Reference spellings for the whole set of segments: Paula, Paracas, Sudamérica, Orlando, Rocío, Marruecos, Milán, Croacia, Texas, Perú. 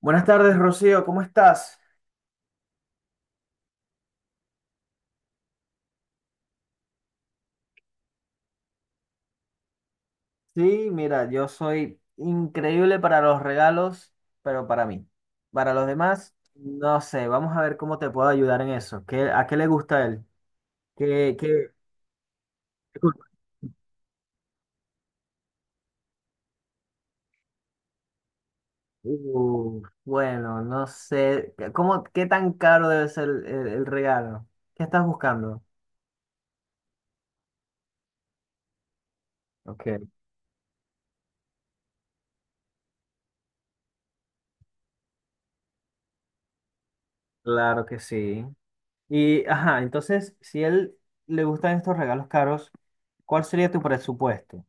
Buenas tardes, Rocío, ¿cómo estás? Sí, mira, yo soy increíble para los regalos, pero para mí. Para los demás, no sé, vamos a ver cómo te puedo ayudar en eso. ¿A qué le gusta a él? ¿Qué, qué- qué cul- Uf, bueno, no sé, ¿ qué tan caro debe ser el regalo? ¿Qué estás buscando? Ok, claro que sí. Y, ajá, entonces, si a él le gustan estos regalos caros, ¿cuál sería tu presupuesto?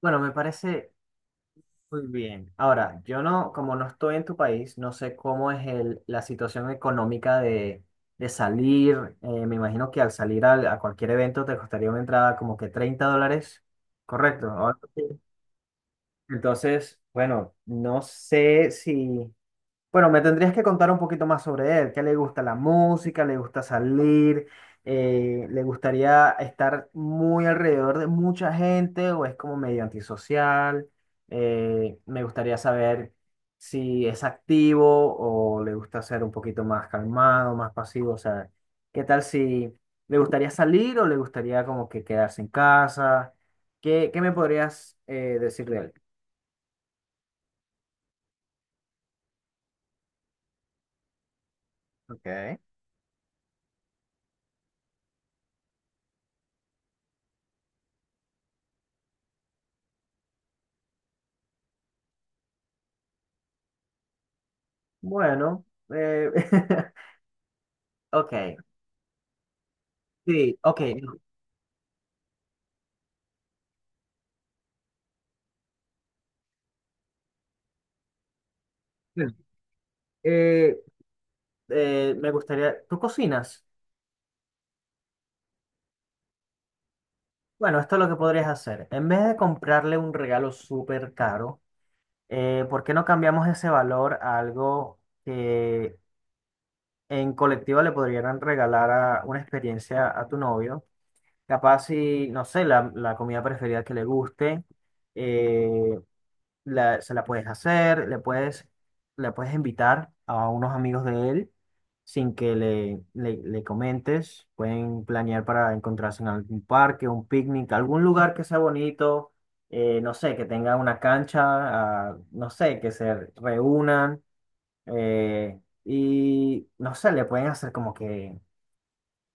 Bueno, me parece muy bien. Ahora, yo no, como no estoy en tu país, no sé cómo es la situación económica de salir. Me imagino que al salir a cualquier evento te costaría una entrada como que $30. Correcto. Ahora sí. Entonces, bueno, no sé si, bueno, me tendrías que contar un poquito más sobre él. ¿Qué le gusta la música? ¿Le gusta salir? ¿Le gustaría estar muy alrededor de mucha gente o es como medio antisocial? Me gustaría saber si es activo o le gusta ser un poquito más calmado, más pasivo. O sea, ¿qué tal si le gustaría salir o le gustaría como que quedarse en casa? ¿Qué me podrías decir de él? Ok. Bueno, eh, ok. Sí, ok. eh, me gustaría, ¿tú cocinas? Bueno, esto es lo que podrías hacer. En vez de comprarle un regalo súper caro, ¿por qué no cambiamos ese valor a algo que en colectiva le podrían regalar una experiencia a tu novio? Capaz si, no sé, la comida preferida que le guste, eh, se la puedes hacer, le puedes invitar a unos amigos de él sin que le comentes. Pueden planear para encontrarse en algún parque, un picnic, algún lugar que sea bonito, no sé, que tenga una cancha, ah, no sé, que se reúnan eh, y no sé, le pueden hacer como que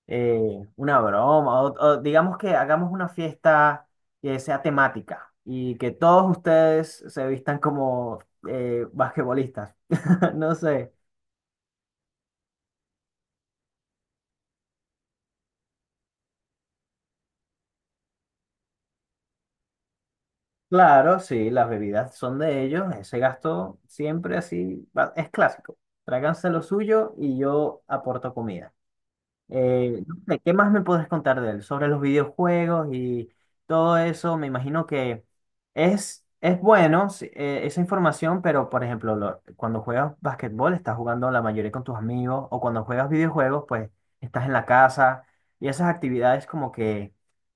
eh, una broma, o digamos que hagamos una fiesta que sea temática y que todos ustedes se vistan como basquetbolistas. No sé. Claro, sí, las bebidas son de ellos, ese gasto siempre es clásico. Tráiganse lo suyo y yo aporto comida. No sé, ¿qué más me puedes contar de él? Sobre los videojuegos y todo eso, me imagino que es bueno sí, esa información, pero por ejemplo, cuando juegas basquetbol estás jugando la mayoría con tus amigos, o cuando juegas videojuegos, pues estás en la casa, y esas actividades como que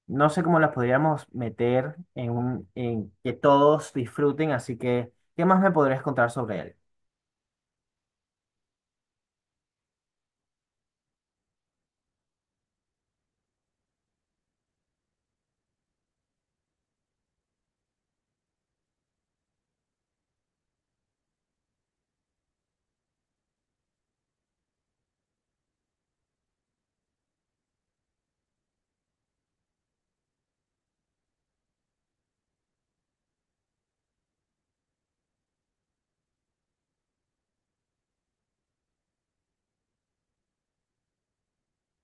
no sé cómo las podríamos meter en que todos disfruten, así que, ¿qué más me podrías contar sobre él?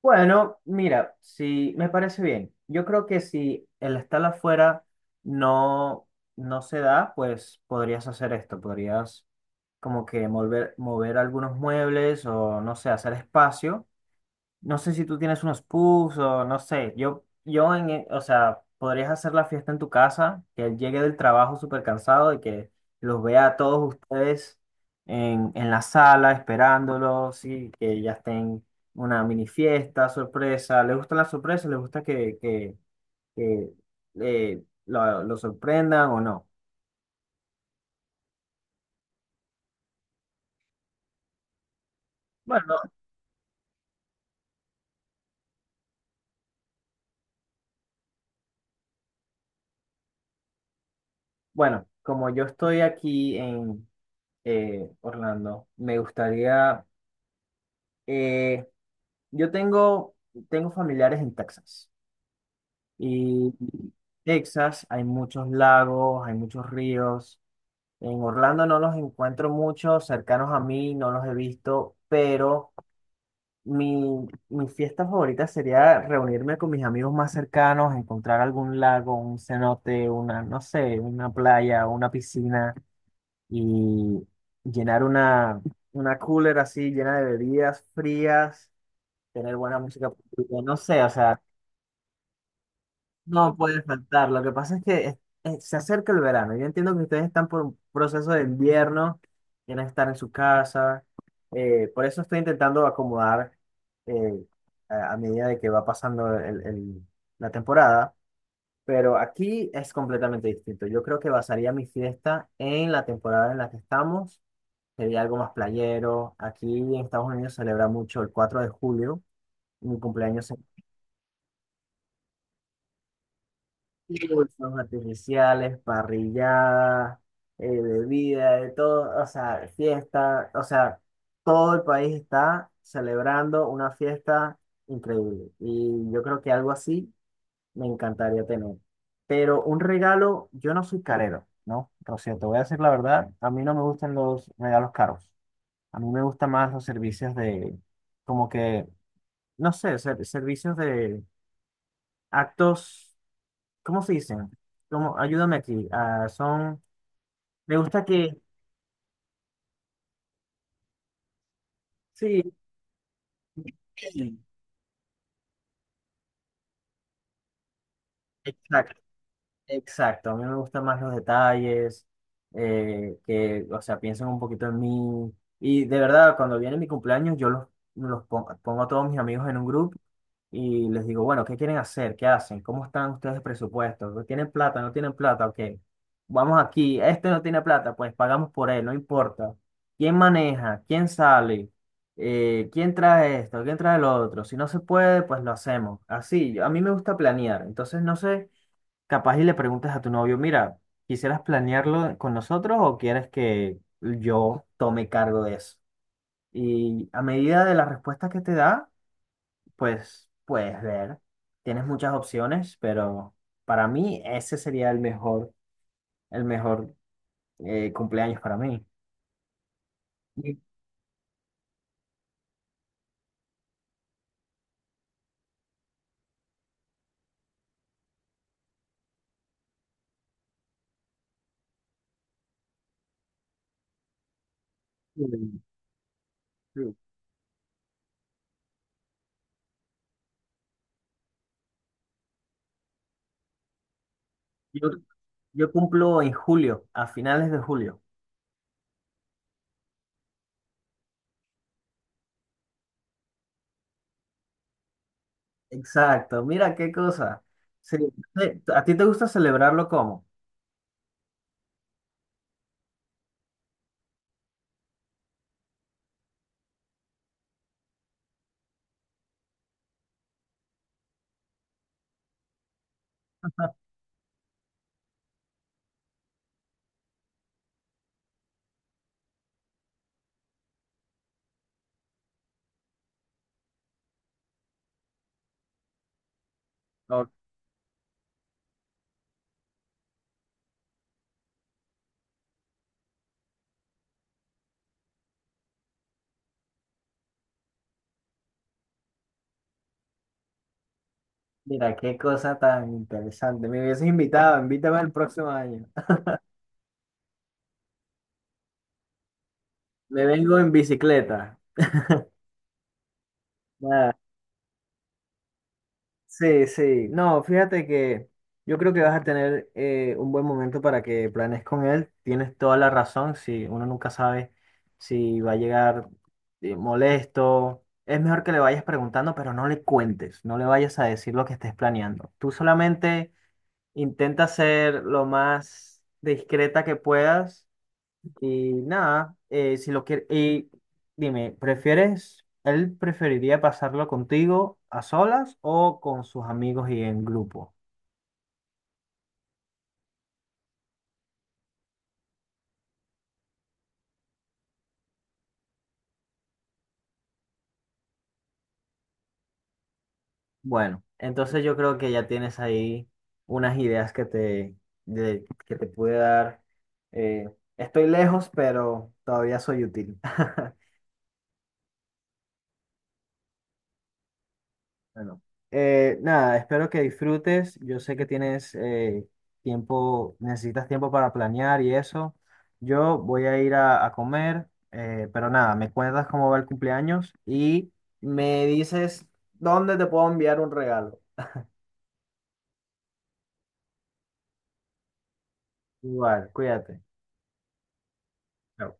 Bueno, mira, si me parece bien. Yo creo que si el estar afuera no, no se da, pues podrías hacer esto, podrías como que mover algunos muebles o no sé, hacer espacio. No sé si tú tienes unos puffs o no sé. O sea, podrías hacer la fiesta en tu casa, que él llegue del trabajo súper cansado y que los vea a todos ustedes en la sala esperándolos y que ya estén una mini fiesta, sorpresa. ¿Le gustan las sorpresas? ¿Le gusta que lo sorprendan o no? Bueno, bueno, como yo estoy aquí en Orlando, me gustaría. eh, Yo tengo familiares en Texas. Y Texas hay muchos lagos, hay muchos ríos. En Orlando no los encuentro mucho, cercanos a mí no los he visto, pero mi fiesta favorita sería reunirme con mis amigos más cercanos, encontrar algún lago, un cenote, una, no sé, una playa, una piscina y llenar una cooler así llena de bebidas frías, tener buena música, no sé, o sea, no puede faltar. Lo que pasa es que se acerca el verano. Yo entiendo que ustedes están por un proceso de invierno, quieren estar en su casa. Por eso estoy intentando acomodar eh, a medida de que va pasando la temporada. Pero aquí es completamente distinto. Yo creo que basaría mi fiesta en la temporada en la que estamos. Sería algo más playero. Aquí en Estados Unidos se celebra mucho el 4 de julio. Mi cumpleaños y fuegos artificiales, parrilladas, bebida, de todo, o sea, fiesta, o sea, todo el país está celebrando una fiesta increíble. Y yo creo que algo así me encantaría tener. Pero un regalo, yo no soy carero, ¿no? Rocío, te voy a decir la verdad, a mí no me gustan los regalos caros. A mí me gustan más los servicios de, como que, no sé, servicios de actos. ¿Cómo se dicen? ¿Cómo? Ayúdame aquí. Ah, me gusta que, sí, exacto. Exacto, a mí me gustan más los detalles, que, o sea, piensen un poquito en mí. Y de verdad, cuando viene mi cumpleaños, yo los, pongo a todos mis amigos en un grupo y les digo, bueno, ¿qué quieren hacer? ¿Qué hacen? ¿Cómo están ustedes de presupuesto? ¿No? ¿Tienen plata? ¿No tienen plata? Ok, vamos aquí. Este no tiene plata, pues pagamos por él, no importa. ¿Quién maneja? ¿Quién sale? ¿Quién trae esto? ¿Quién trae lo otro? Si no se puede, pues lo hacemos. Así, a mí me gusta planear, entonces no sé. Capaz y le preguntas a tu novio, mira, ¿quisieras planearlo con nosotros o quieres que yo tome cargo de eso? Y a medida de las respuestas que te da, pues puedes ver. Tienes muchas opciones, pero para mí ese sería el mejor cumpleaños para mí. Y- y- Yo, yo cumplo en julio, a finales de julio. Exacto, mira qué cosa. Sí, sí, ¿a ti te gusta celebrarlo cómo? Mira, qué cosa tan interesante. Me hubieses invitado, invítame el próximo año. Me vengo en bicicleta. Nada. Sí, sí. No, fíjate que yo creo que vas a tener un buen momento para que planees con él. Tienes toda la razón. Si uno nunca sabe si va a llegar molesto, es mejor que le vayas preguntando, pero no le cuentes, no le vayas a decir lo que estés planeando. Tú solamente intenta ser lo más discreta que puedas. Y nada, si lo quieres, y dime, ¿prefieres, él preferiría pasarlo contigo a solas o con sus amigos y en grupo? Bueno, entonces yo creo que ya tienes ahí unas ideas que te pude dar. Eh, Estoy lejos, pero todavía soy útil. Bueno, nada, espero que disfrutes. Yo sé que tienes tiempo, necesitas tiempo para planear y eso. Yo voy a ir a comer, pero nada, me cuentas cómo va el cumpleaños y me dices dónde te puedo enviar un regalo. Igual, cuídate. Chao.